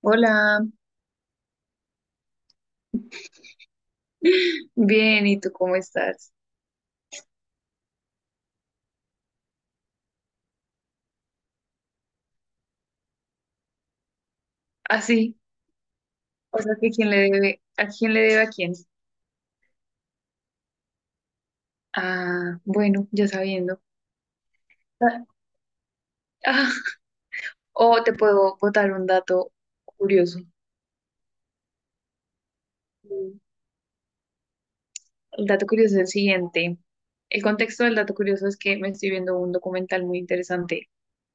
Hola, bien, ¿y tú cómo estás? Ah, sí, o sea que quién le debe, ¿a quién le debe a quién? Ah, bueno, ya sabiendo. Ah, ah, o te puedo botar un dato curioso. Mm. El dato curioso es el siguiente. El contexto del dato curioso es que me estoy viendo un documental muy interesante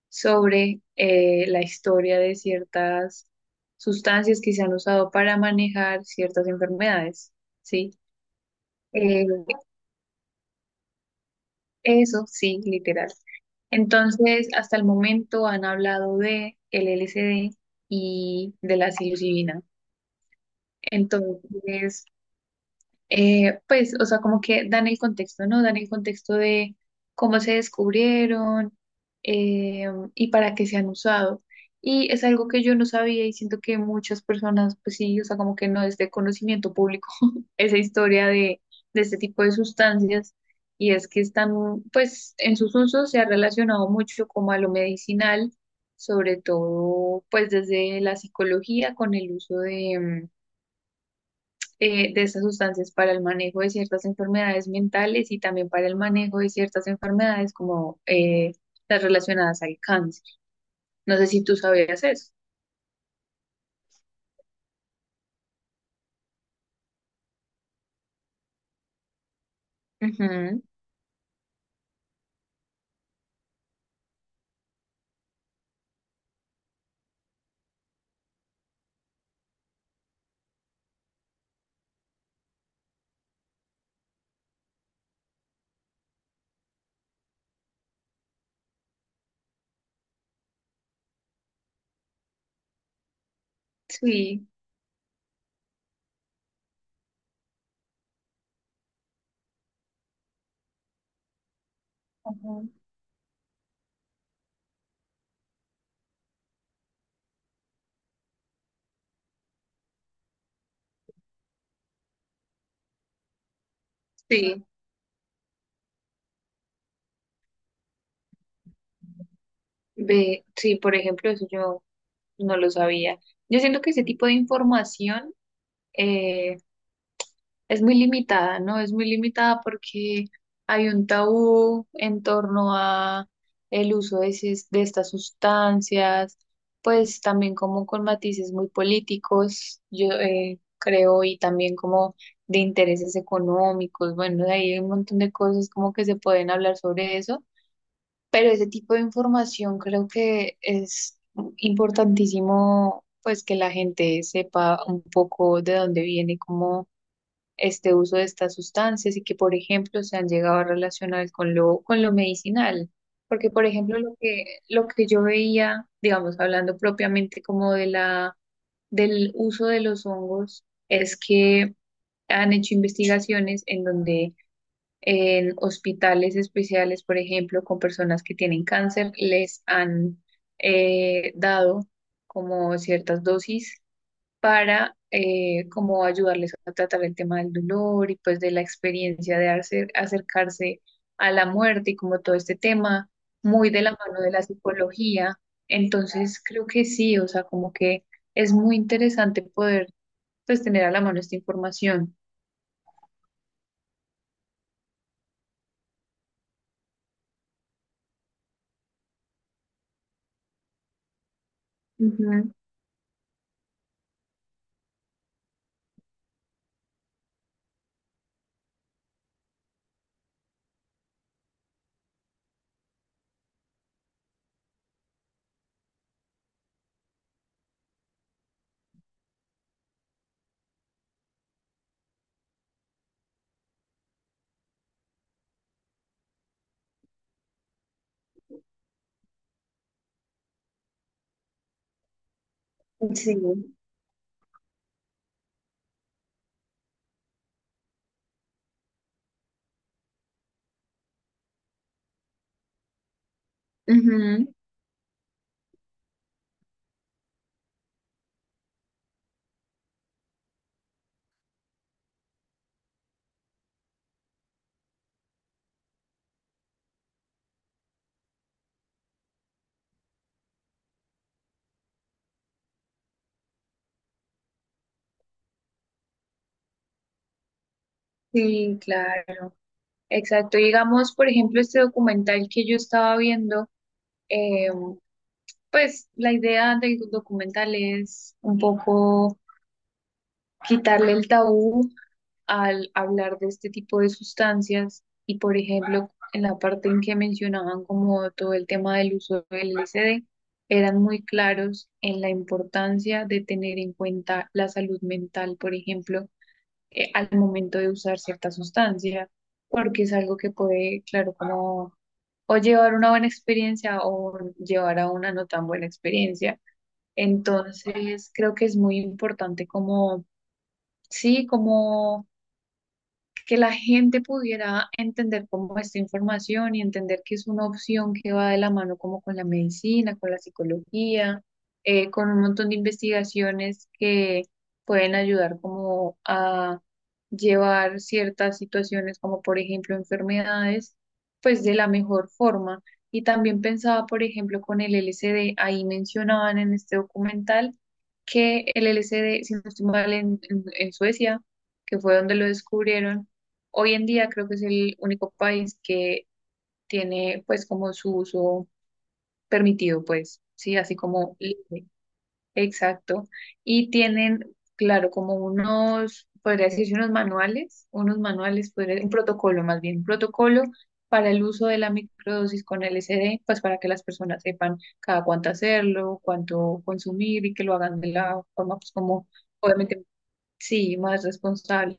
sobre la historia de ciertas sustancias que se han usado para manejar ciertas enfermedades, ¿sí? Eso sí, literal. Entonces, hasta el momento han hablado de el LSD y de la psilocibina. Entonces, pues, o sea, como que dan el contexto, ¿no? Dan el contexto de cómo se descubrieron eh, y para qué se han usado. Y es algo que yo no sabía y siento que muchas personas, pues sí, o sea, como que no es de conocimiento público esa historia de este tipo de sustancias. Y es que están, pues, en sus usos se ha relacionado mucho como a lo medicinal, sobre todo, pues, desde la psicología con el uso de de estas sustancias para el manejo de ciertas enfermedades mentales y también para el manejo de ciertas enfermedades como las relacionadas al cáncer. No sé si tú sabías eso. Ujú, sí, ujú, sí, ve, sí, por ejemplo, eso yo no lo sabía. Yo siento que ese tipo de información eh, es muy limitada, ¿no? Es muy limitada porque hay un tabú en torno a el uso de, de estas sustancias, pues también como con matices muy políticos, yo creo, y también como de intereses económicos. Bueno, de ahí hay un montón de cosas como que se pueden hablar sobre eso, pero ese tipo de información creo que es importantísimo, pues que la gente sepa un poco de dónde viene, cómo este uso de estas sustancias y que, por ejemplo, se han llegado a relacionar con lo medicinal. Porque, por ejemplo, lo que yo veía, digamos, hablando propiamente como de la, del uso de los hongos, es que han hecho investigaciones en donde en hospitales especiales, por ejemplo, con personas que tienen cáncer, les han dado como ciertas dosis para como ayudarles a tratar el tema del dolor y pues de la experiencia de acercarse a la muerte y como todo este tema muy de la mano de la psicología. Entonces creo que sí, o sea, como que es muy interesante poder pues tener a la mano esta información. Ujú, sí, ujú, sí, claro, exacto. Digamos, por ejemplo, este documental que yo estaba viendo, eh, pues la idea del documental es un poco quitarle el tabú al hablar de este tipo de sustancias y, por ejemplo, en la parte en que mencionaban como todo el tema del uso del LSD, eran muy claros en la importancia de tener en cuenta la salud mental, por ejemplo, al momento de usar cierta sustancia, porque es algo que puede, claro, como o llevar una buena experiencia o llevar a una no tan buena experiencia. Entonces, creo que es muy importante como, sí, como que la gente pudiera entender como esta información y entender que es una opción que va de la mano como con la medicina, con la psicología, con un montón de investigaciones que pueden ayudar como a llevar ciertas situaciones como por ejemplo enfermedades, pues de la mejor forma. Y también pensaba, por ejemplo, con el LSD, ahí mencionaban en este documental que el LSD, si no estoy mal, en Suecia, que fue donde lo descubrieron. Hoy en día creo que es el único país que tiene pues como su uso permitido, pues, sí, así como libre. Exacto. Y tienen, claro, como unos, podría decirse unos manuales, un protocolo más bien, un protocolo para el uso de la microdosis con LSD, pues para que las personas sepan cada cuánto hacerlo, cuánto consumir y que lo hagan de la forma pues como, obviamente, sí, más responsable.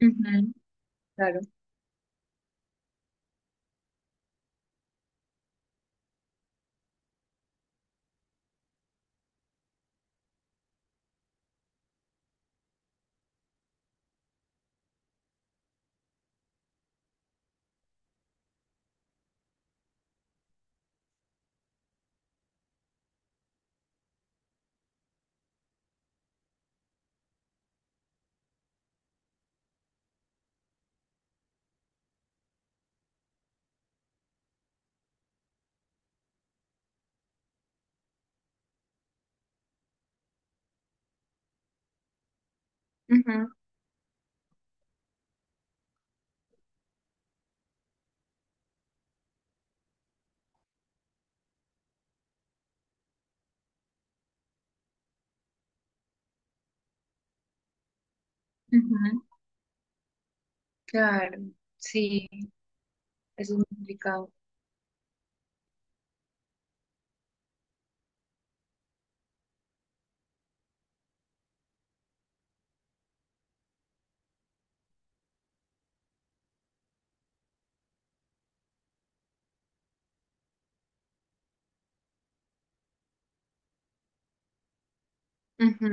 Ujú, claro. Ujú, ujú. Claro, sí, eso es muy complicado. Ujú,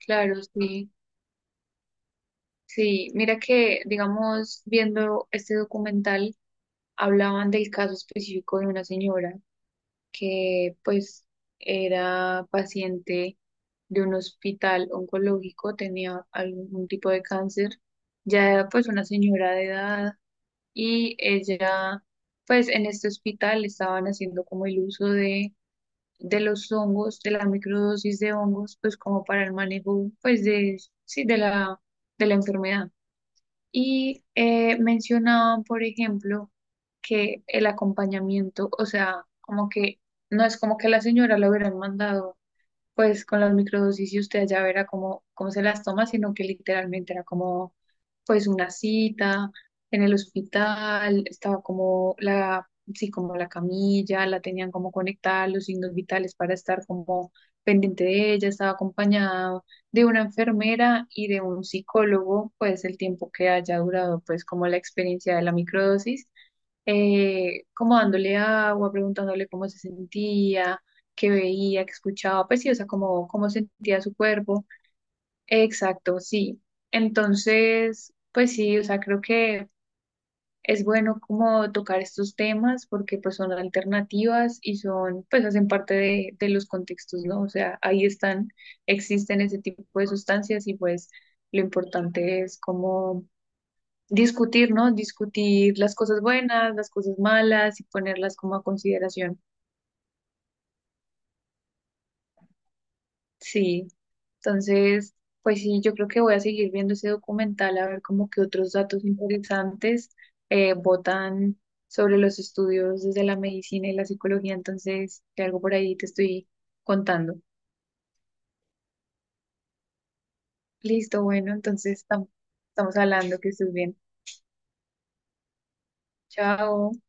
claro, sí, sí. Mira que, digamos, viendo este documental, hablaban del caso específico de una señora que, pues, era paciente de un hospital oncológico, tenía algún tipo de cáncer, ya era, pues, una señora de edad y ella, pues, en este hospital estaban haciendo como el uso de los hongos, de la microdosis de hongos, pues como para el manejo, pues de, sí, de la enfermedad. Y mencionaban, por ejemplo, que el acompañamiento, o sea, como que no es como que la señora le hubieran mandado pues con las microdosis y usted ya verá cómo, cómo se las toma, sino que literalmente era como pues una cita en el hospital, estaba como la, sí, como la camilla, la tenían como conectada, los signos vitales para estar como pendiente de ella, estaba acompañado de una enfermera y de un psicólogo, pues el tiempo que haya durado pues como la experiencia de la microdosis como dándole agua, preguntándole cómo se sentía, que veía, que escuchaba, pues sí, o sea, cómo, cómo sentía su cuerpo. Exacto, sí. Entonces, pues sí, o sea, creo que es bueno como tocar estos temas porque pues son alternativas y son, pues hacen parte de los contextos, ¿no? O sea, ahí están, existen ese tipo de sustancias y pues lo importante es como discutir, ¿no? Discutir las cosas buenas, las cosas malas y ponerlas como a consideración. Sí, entonces, pues sí, yo creo que voy a seguir viendo ese documental a ver como que otros datos interesantes botan sobre los estudios desde la medicina y la psicología, entonces, de algo por ahí te estoy contando. Listo, bueno, entonces estamos hablando, que estés bien. Chao.